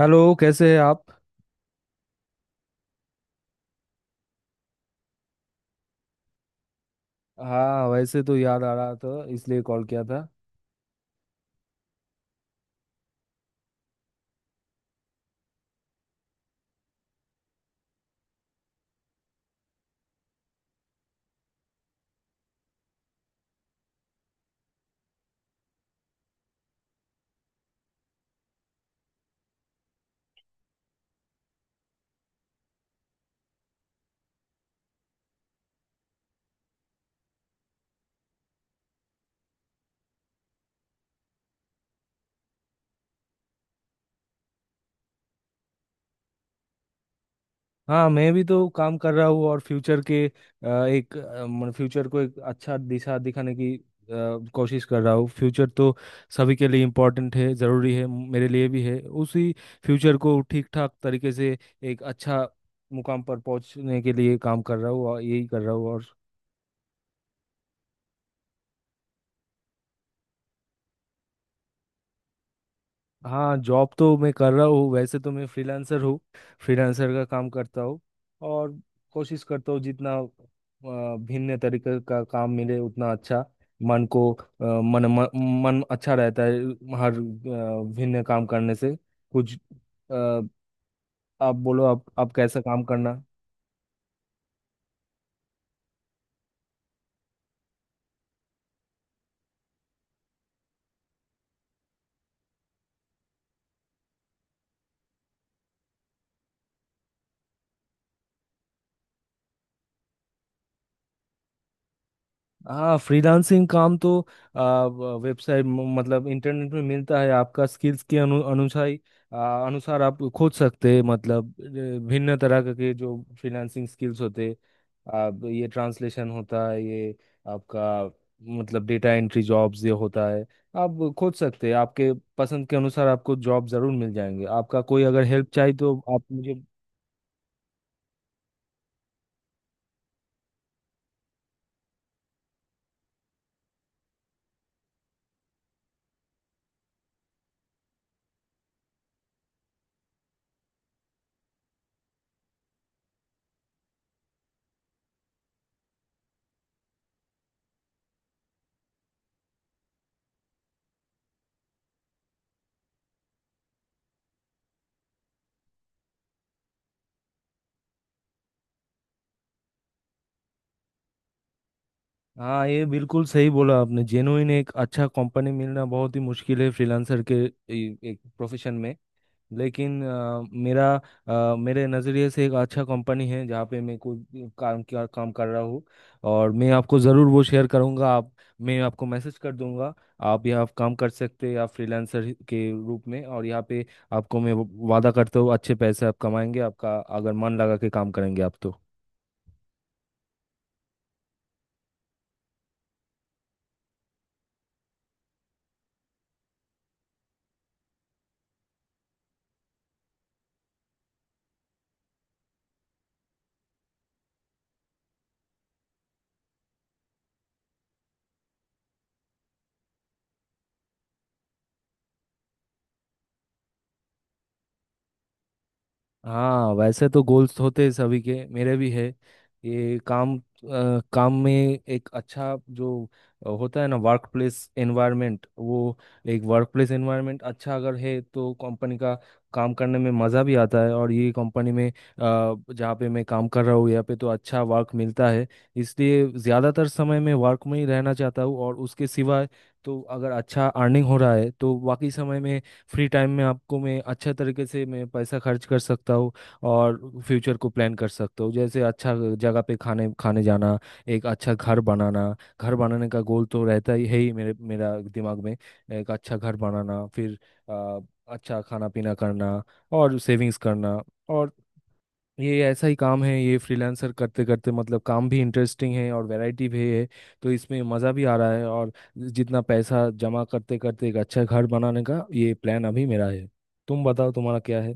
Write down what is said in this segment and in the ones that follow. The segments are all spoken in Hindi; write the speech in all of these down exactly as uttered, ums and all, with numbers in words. हेलो, कैसे हैं आप। हाँ, वैसे तो याद आ रहा था, इसलिए कॉल किया था। हाँ, मैं भी तो काम कर रहा हूँ, और फ्यूचर के अ, एक अ, मन फ्यूचर को एक अच्छा दिशा दिखाने की अ, कोशिश कर रहा हूँ। फ्यूचर तो सभी के लिए इम्पोर्टेंट है, ज़रूरी है, मेरे लिए भी है। उसी फ्यूचर को ठीक ठाक तरीके से एक अच्छा मुकाम पर पहुंचने के लिए काम कर रहा हूँ, और यही कर रहा हूँ, और हाँ, जॉब तो मैं कर रहा हूँ। वैसे तो मैं फ्रीलांसर हूँ, फ्रीलांसर का काम करता हूँ। और कोशिश करता हूँ जितना अ, भिन्न तरीके का काम मिले उतना अच्छा। मन को अ, मन मन मन अच्छा रहता है हर अ, भिन्न काम करने से। कुछ अ, आप बोलो, आप आप कैसा काम करना। हाँ, फ्रीलांसिंग काम तो आ, वेबसाइट म- मतलब इंटरनेट में मिलता है। आपका स्किल्स के अनु, अनुसार ही, आ, अनुसार आप खोज सकते हैं, मतलब अ, भिन्न तरह के के जो फ्रीलांसिंग स्किल्स होते। आप ये ट्रांसलेशन होता है, ये आपका मतलब डेटा एंट्री जॉब्स ये होता है। आप खोज सकते हैं आपके पसंद के अनुसार, आपको जॉब जरूर मिल जाएंगे। आपका कोई अगर हेल्प चाहिए तो आप मुझे, हाँ, ये बिल्कुल सही बोला आपने। जेनुइन एक अच्छा कंपनी मिलना बहुत ही मुश्किल है, फ्रीलांसर के ए- एक प्रोफेशन में। लेकिन अ, मेरा अ, मेरे नज़रिए से एक अच्छा कंपनी है जहाँ पे मैं कोई काम, क्या काम कर रहा हूँ, और मैं आपको ज़रूर वो शेयर करूँगा। आप, मैं आपको मैसेज कर दूंगा। आप यहाँ काम कर सकते हैं, आप फ्रीलांसर के रूप में, और यहाँ पे आपको मैं वादा करता हूँ, अच्छे पैसे आप कमाएंगे, आपका अगर मन लगा के काम करेंगे आप तो, हाँ, वैसे तो गोल्स होते हैं सभी के, मेरे भी है। ये काम अ, काम में एक अच्छा जो अ, होता है ना, वर्क प्लेस एनवायरनमेंट, वो एक वर्क प्लेस एनवायरनमेंट अच्छा अगर है तो कंपनी का काम करने में मज़ा भी आता है। और ये कंपनी में अ, जहाँ पे मैं काम कर रहा हूँ, यहाँ पे तो अच्छा वर्क मिलता है, इसलिए ज़्यादातर समय मैं वर्क में ही रहना चाहता हूँ। और उसके सिवाय तो अगर अच्छा अर्निंग हो रहा है तो बाकी समय में, फ्री टाइम में, आपको मैं अच्छा तरीके से मैं पैसा खर्च कर सकता हूँ, और फ्यूचर को प्लान कर सकता हूँ, जैसे अच्छा जगह पे खाने खाने जाना, एक अच्छा घर बनाना। घर बनाने का गोल तो रहता ही है, ही मेरे मेरा दिमाग में, एक अच्छा घर बनाना, फिर अ, अच्छा खाना पीना करना, और सेविंग्स करना। और ये ऐसा ही काम है, ये फ्रीलांसर करते करते, मतलब काम भी इंटरेस्टिंग है और वैरायटी भी है, तो इसमें मज़ा भी आ रहा है। और जितना पैसा जमा करते करते, एक अच्छा घर बनाने का ये प्लान अभी मेरा है। तुम बताओ तुम्हारा क्या है।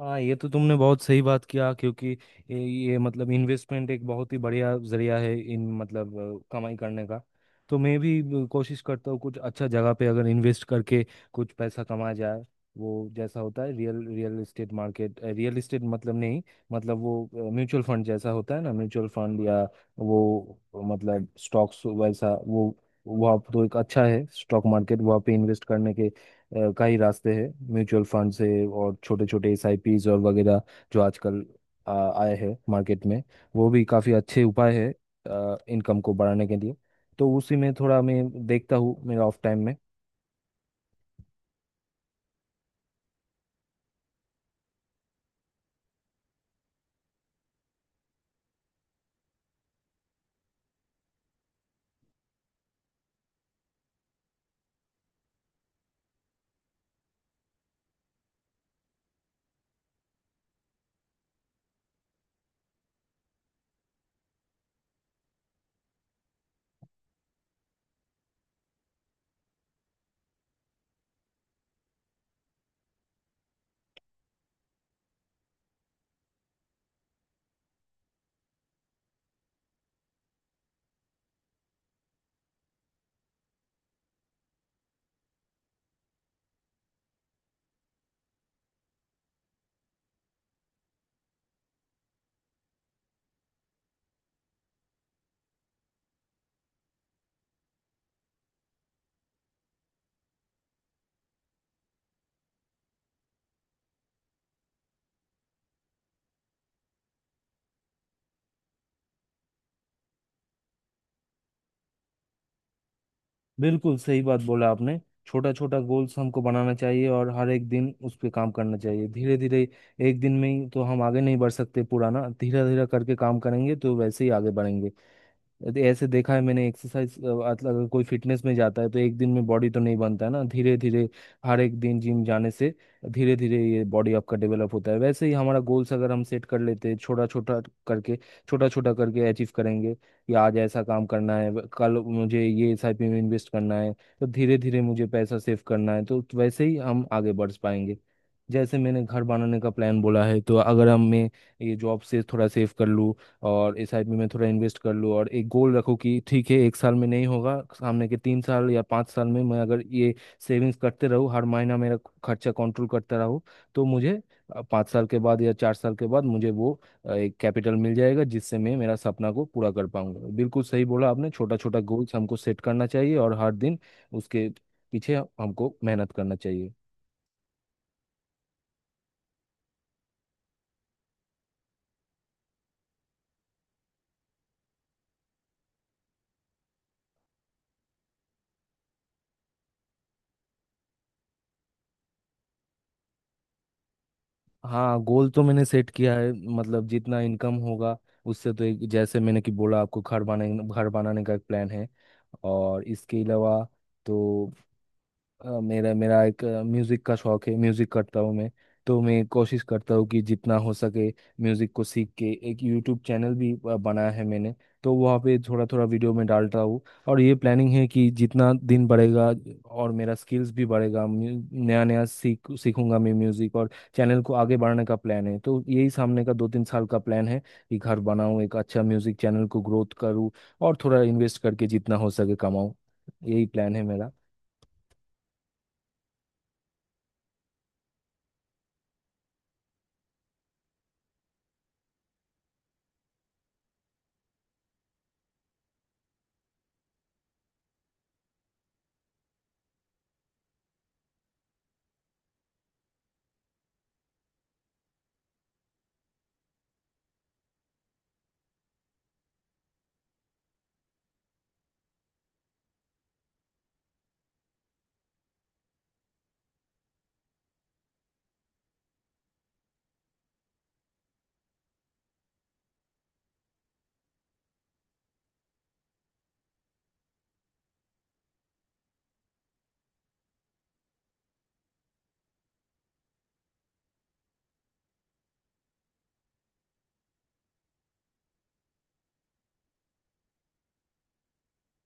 हाँ, ये तो तुमने बहुत सही बात किया, क्योंकि ये, ये मतलब इन्वेस्टमेंट एक बहुत ही बढ़िया जरिया है, इन मतलब अ, कमाई करने का। तो मैं भी अ, कोशिश करता हूँ कुछ अच्छा जगह पे अगर इन्वेस्ट करके कुछ पैसा कमाया जाए। वो जैसा होता है real real estate market, real estate मतलब नहीं, मतलब वो म्यूचुअल फंड जैसा होता है ना, म्यूचुअल फंड, या वो मतलब स्टॉक्स वैसा, वो वहाँ तो एक अच्छा है स्टॉक मार्केट, वहाँ पे इन्वेस्ट करने के अ, का ही रास्ते हैं। म्यूचुअल फंड से और छोटे छोटे एसआईपीज और वगैरह जो आजकल आ, आए हैं मार्केट में, वो भी काफ़ी अच्छे उपाय है इनकम को बढ़ाने के लिए, तो उसी में थोड़ा मैं देखता हूँ मेरा ऑफ टाइम में। बिल्कुल सही बात बोला आपने, छोटा छोटा गोल्स हमको बनाना चाहिए और हर एक दिन उस पर काम करना चाहिए, धीरे धीरे। एक दिन में ही तो हम आगे नहीं बढ़ सकते, पुराना धीरे धीरे करके काम करेंगे तो वैसे ही आगे बढ़ेंगे। तो ऐसे देखा है मैंने, एक्सरसाइज अगर कोई फिटनेस में जाता है तो एक दिन में बॉडी तो नहीं बनता है ना, धीरे धीरे हर एक दिन जिम जाने से धीरे धीरे ये बॉडी आपका डेवलप होता है। वैसे ही हमारा गोल्स अगर हम सेट कर लेते हैं छोटा छोटा करके छोटा छोटा करके अचीव करेंगे कि आज ऐसा काम करना है, व- कल मुझे ये एसआईपी में इन्वेस्ट करना है, तो धीरे धीरे मुझे पैसा सेव करना है, तो वैसे ही हम आगे बढ़ पाएंगे। जैसे मैंने घर बनाने का प्लान बोला है, तो अगर हम मैं ये जॉब से थोड़ा सेव कर लूँ और इस साइड में मैं थोड़ा इन्वेस्ट कर लूँ, और एक गोल रखूँ कि ठीक है एक साल में नहीं होगा, सामने के तीन साल या पाँच साल में, मैं अगर ये सेविंग्स करते रहूँ, हर महीना मेरा खर्चा कंट्रोल करता रहूँ, तो मुझे अ, पाँच साल के बाद या चार साल के बाद मुझे वो अ, एक कैपिटल मिल जाएगा, जिससे मैं मेरा सपना को पूरा कर पाऊंगा। बिल्कुल सही बोला आपने, छोटा छोटा गोल्स हमको सेट करना चाहिए और हर दिन उसके पीछे हमको मेहनत करना चाहिए। हाँ, गोल तो मैंने सेट किया है, मतलब जितना इनकम होगा उससे, तो एक, जैसे मैंने कि बोला आपको, घर बनाने घर बनाने का एक प्लान है, और इसके अलावा तो अ, मेरा मेरा एक म्यूज़िक का शौक है, म्यूज़िक करता हूँ मैं। तो मैं कोशिश करता हूँ कि जितना हो सके म्यूज़िक को सीख के एक यूट्यूब चैनल भी अ, बनाया है मैंने, तो वहाँ पे थोड़ा थोड़ा वीडियो में डालता हूँ। और ये प्लानिंग है कि जितना दिन बढ़ेगा और मेरा स्किल्स भी बढ़ेगा, नया नया सीख सीखूंगा मैं म्यूज़िक, और चैनल को आगे बढ़ाने का प्लान है। तो यही सामने का दो तीन साल का प्लान है कि घर बनाऊँ, एक अच्छा म्यूज़िक चैनल को ग्रोथ करूँ, और थोड़ा इन्वेस्ट करके जितना हो सके कमाऊँ। यही प्लान है मेरा।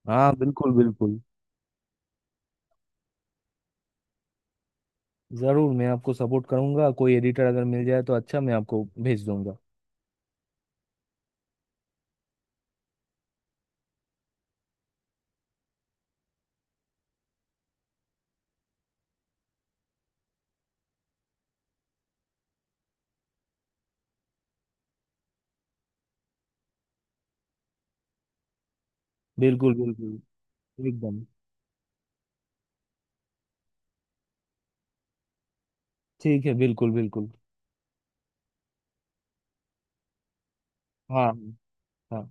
हाँ, बिल्कुल बिल्कुल। जरूर, मैं आपको सपोर्ट करूंगा, कोई एडिटर अगर मिल जाए तो अच्छा, मैं आपको भेज दूंगा। बिल्कुल बिल्कुल। एकदम। ठीक है, बिल्कुल बिल्कुल। हाँ। हाँ।